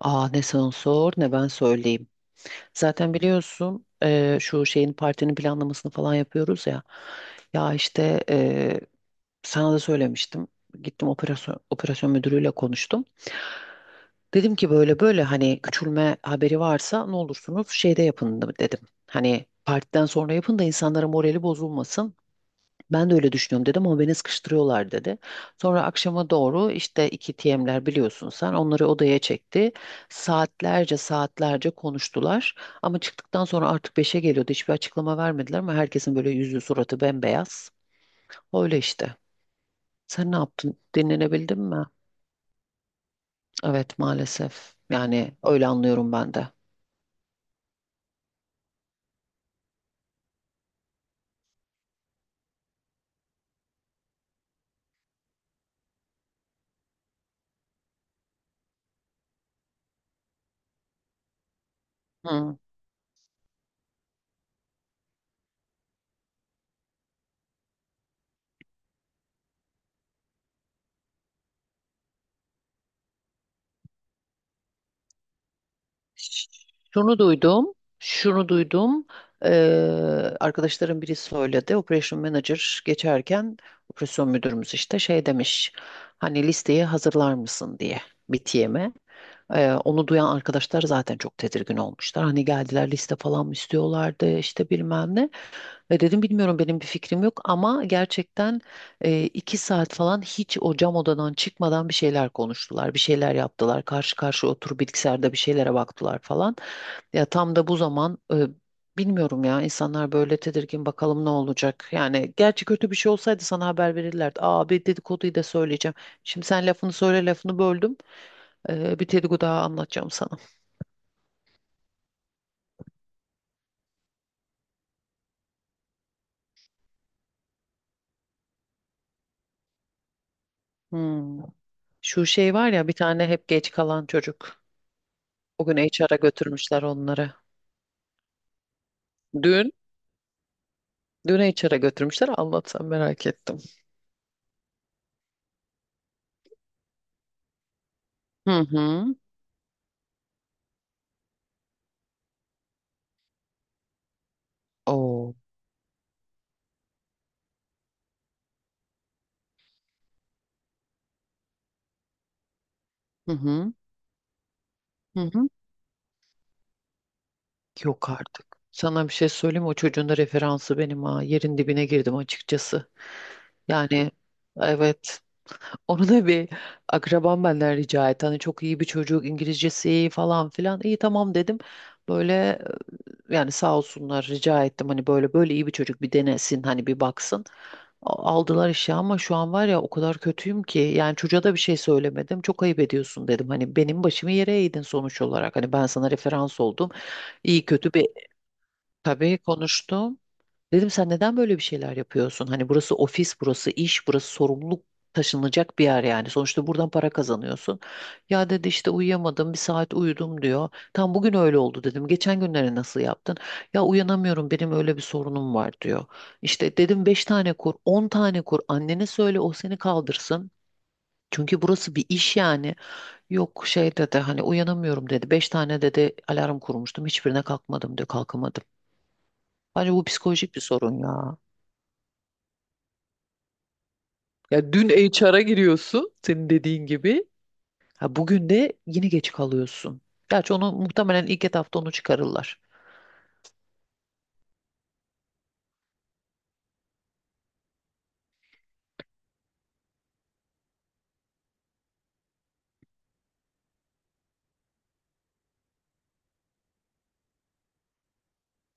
Aa ne sen sor ne ben söyleyeyim. Zaten biliyorsun şu şeyin partinin planlamasını falan yapıyoruz ya. Ya işte sana da söylemiştim. Gittim operasyon müdürüyle konuştum. Dedim ki böyle böyle hani küçülme haberi varsa ne olursunuz şeyde yapın da- dedim. Hani partiden sonra yapın da insanların morali bozulmasın. Ben de öyle düşünüyorum dedim ama beni sıkıştırıyorlar dedi. Sonra akşama doğru işte iki TM'ler biliyorsun sen onları odaya çekti. Saatlerce saatlerce konuştular. Ama çıktıktan sonra artık 5'e geliyordu. Hiçbir açıklama vermediler ama herkesin böyle yüzü suratı bembeyaz. Öyle işte. Sen ne yaptın? Dinlenebildin mi? Evet maalesef. Yani öyle anlıyorum ben de. Hı. Şunu duydum, şunu duydum. Arkadaşlarım biri söyledi. Operation Manager geçerken operasyon müdürümüz işte şey demiş. Hani listeyi hazırlar mısın diye BTM'e. Onu duyan arkadaşlar zaten çok tedirgin olmuşlar. Hani geldiler liste falan mı istiyorlardı işte bilmem ne. Ve dedim bilmiyorum benim bir fikrim yok ama gerçekten 2 saat falan hiç o cam odadan çıkmadan bir şeyler konuştular. Bir şeyler yaptılar. Karşı karşıya oturup bilgisayarda bir şeylere baktılar falan. Ya tam da bu zaman bilmiyorum ya insanlar böyle tedirgin bakalım ne olacak. Yani gerçi kötü bir şey olsaydı sana haber verirlerdi. Aa bir dedikoduyu da söyleyeceğim. Şimdi sen lafını söyle lafını böldüm. Bir dedikodu daha anlatacağım sana. Hmm. Şu şey var ya bir tane hep geç kalan çocuk. O gün HR'a götürmüşler onları. Dün, dün HR'a götürmüşler. Anlatsam merak ettim. Hı hı. Oo. Hı hı. Hı hı. Yok artık. Sana bir şey söyleyeyim mi? O çocuğun da referansı benim ha. Yerin dibine girdim açıkçası. Yani evet. Onu da bir akrabam benden rica etti. Hani çok iyi bir çocuk İngilizcesi iyi falan filan. İyi tamam dedim. Böyle yani sağ olsunlar rica ettim hani böyle böyle iyi bir çocuk bir denesin hani bir baksın. A- Aldılar işe ama şu an var ya o kadar kötüyüm ki yani çocuğa da bir şey söylemedim. Çok ayıp ediyorsun dedim. Hani benim başımı yere eğdin sonuç olarak. Hani ben sana referans oldum. İyi kötü bir tabii konuştum. Dedim sen neden böyle bir şeyler yapıyorsun? Hani burası ofis, burası iş, burası sorumluluk taşınacak bir yer yani. Sonuçta buradan para kazanıyorsun. Ya dedi işte uyuyamadım, bir saat uyudum diyor. Tam bugün öyle oldu dedim. Geçen günleri nasıl yaptın? Ya uyanamıyorum, benim öyle bir sorunum var diyor. İşte dedim beş tane kur, 10 tane kur. Annene söyle o seni kaldırsın. Çünkü burası bir iş yani. Yok şey dedi hani uyanamıyorum dedi. Beş tane dedi alarm kurmuştum. Hiçbirine kalkmadım diyor kalkamadım. Bence bu psikolojik bir sorun ya. Ya dün HR'a giriyorsun senin dediğin gibi. Ha bugün de yine geç kalıyorsun. Gerçi onu muhtemelen ilk etapta onu çıkarırlar.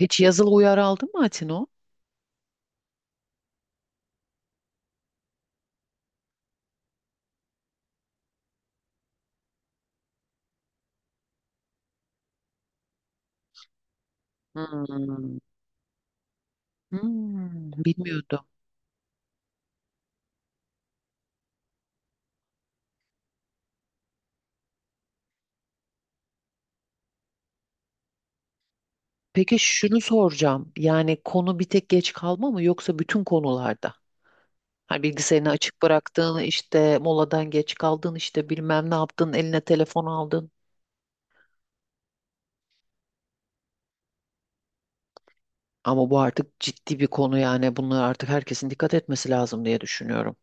Hiç yazılı uyarı aldın mı Atino? Hmm. Bilmiyordum. Peki şunu soracağım. Yani konu bir tek geç kalma mı yoksa bütün konularda? Hani bilgisayarını açık bıraktığın, işte moladan geç kaldın, işte bilmem ne yaptın, eline telefon aldın. Ama bu artık ciddi bir konu yani. Bunlara artık herkesin dikkat etmesi lazım diye düşünüyorum.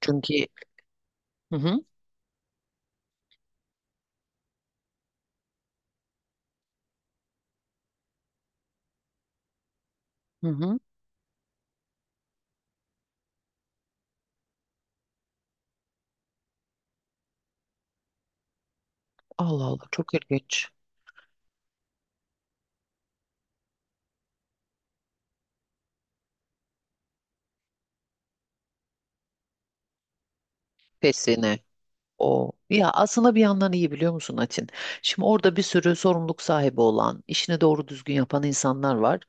Çünkü. Hı hı, hı hı. Allah Allah çok ilginç. Pesine. O ya aslında bir yandan iyi biliyor musun Atin? Şimdi orada bir sürü sorumluluk sahibi olan, işini doğru düzgün yapan insanlar var.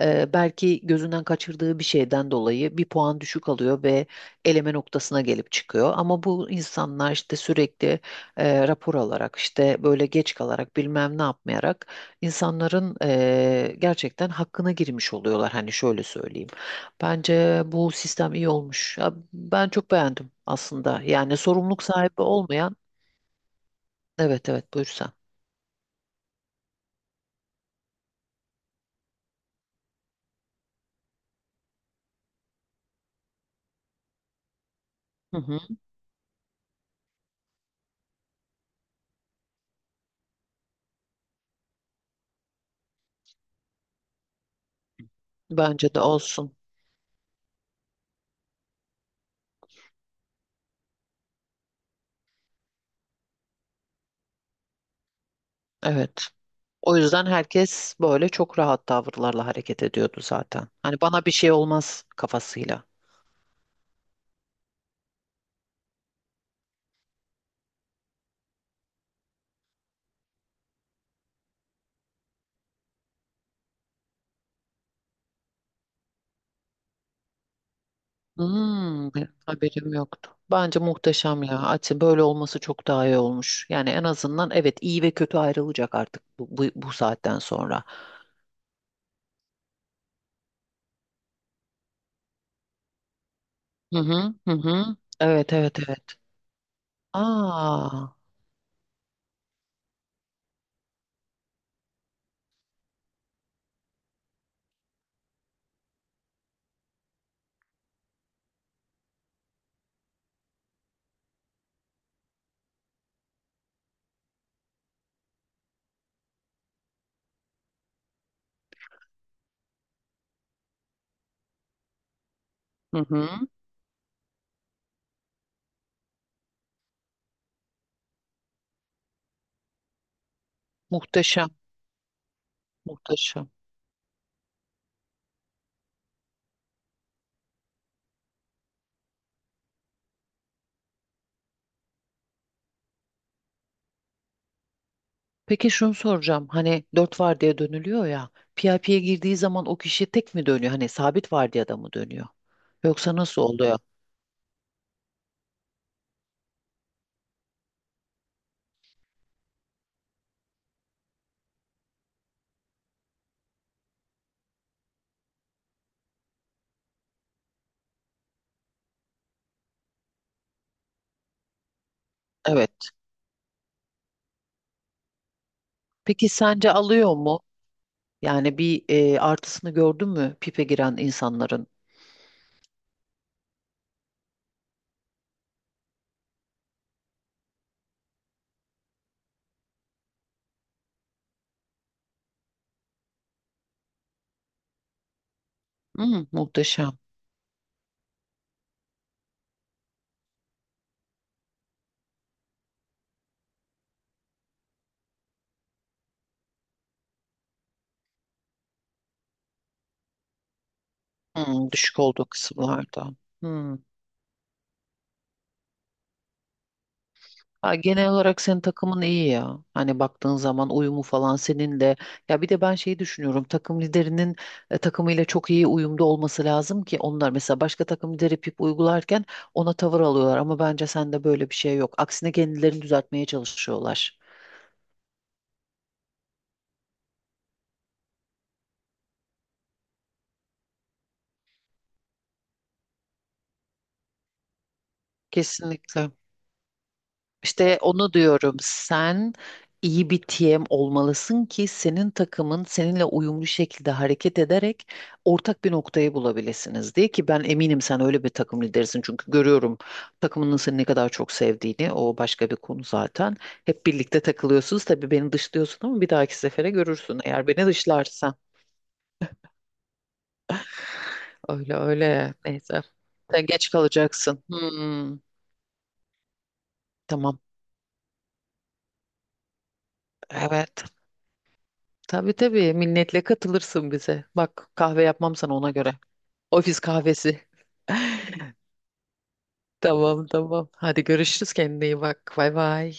Belki gözünden kaçırdığı bir şeyden dolayı bir puan düşük alıyor ve eleme noktasına gelip çıkıyor. Ama bu insanlar işte sürekli rapor alarak işte böyle geç kalarak bilmem ne yapmayarak insanların gerçekten hakkına girmiş oluyorlar. Hani şöyle söyleyeyim. Bence bu sistem iyi olmuş. Ya ben çok beğendim aslında. Yani sorumluluk sahibi olmayan, evet evet buyur sen. Hı hı. Bence de olsun. Evet. O yüzden herkes böyle çok rahat tavırlarla hareket ediyordu zaten. Hani bana bir şey olmaz kafasıyla. Hmm, haberim yoktu. Bence muhteşem ya. Açı böyle olması çok daha iyi olmuş. Yani en azından evet iyi ve kötü ayrılacak artık bu saatten sonra. Hı hı hı hı. Evet evet evet. Aa. Hı hı. Muhteşem, muhteşem. Peki şunu soracağım. Hani dört vardiya dönülüyor ya. PIP'ye girdiği zaman o kişi tek mi dönüyor? Hani sabit vardiyada mı dönüyor? Yoksa nasıl oluyor? Evet. Peki sence alıyor mu? Yani bir artısını gördün mü pipe giren insanların? Muhteşem. Düşük olduğu kısımlarda. Hmm. Ha, genel olarak senin takımın iyi ya. Hani baktığın zaman uyumu falan seninle. Ya bir de ben şeyi düşünüyorum. Takım liderinin takımıyla çok iyi uyumda olması lazım ki onlar mesela başka takım lideri pip uygularken ona tavır alıyorlar. Ama bence sende böyle bir şey yok. Aksine kendilerini düzeltmeye çalışıyorlar. Kesinlikle. İşte onu diyorum. Sen iyi bir TM olmalısın ki senin takımın seninle uyumlu şekilde hareket ederek ortak bir noktayı bulabilirsiniz diye ki ben eminim sen öyle bir takım liderisin çünkü görüyorum takımının seni ne kadar çok sevdiğini o başka bir konu zaten. Hep birlikte takılıyorsunuz tabii beni dışlıyorsun ama bir dahaki sefere görürsün eğer beni dışlarsan. Öyle öyle neyse. Sen geç kalacaksın. Tamam. Evet. Tabii tabii minnetle katılırsın bize. Bak kahve yapmam sana ona göre. Ofis kahvesi. Tamam tamam. Hadi görüşürüz kendine iyi bak. Bay bay.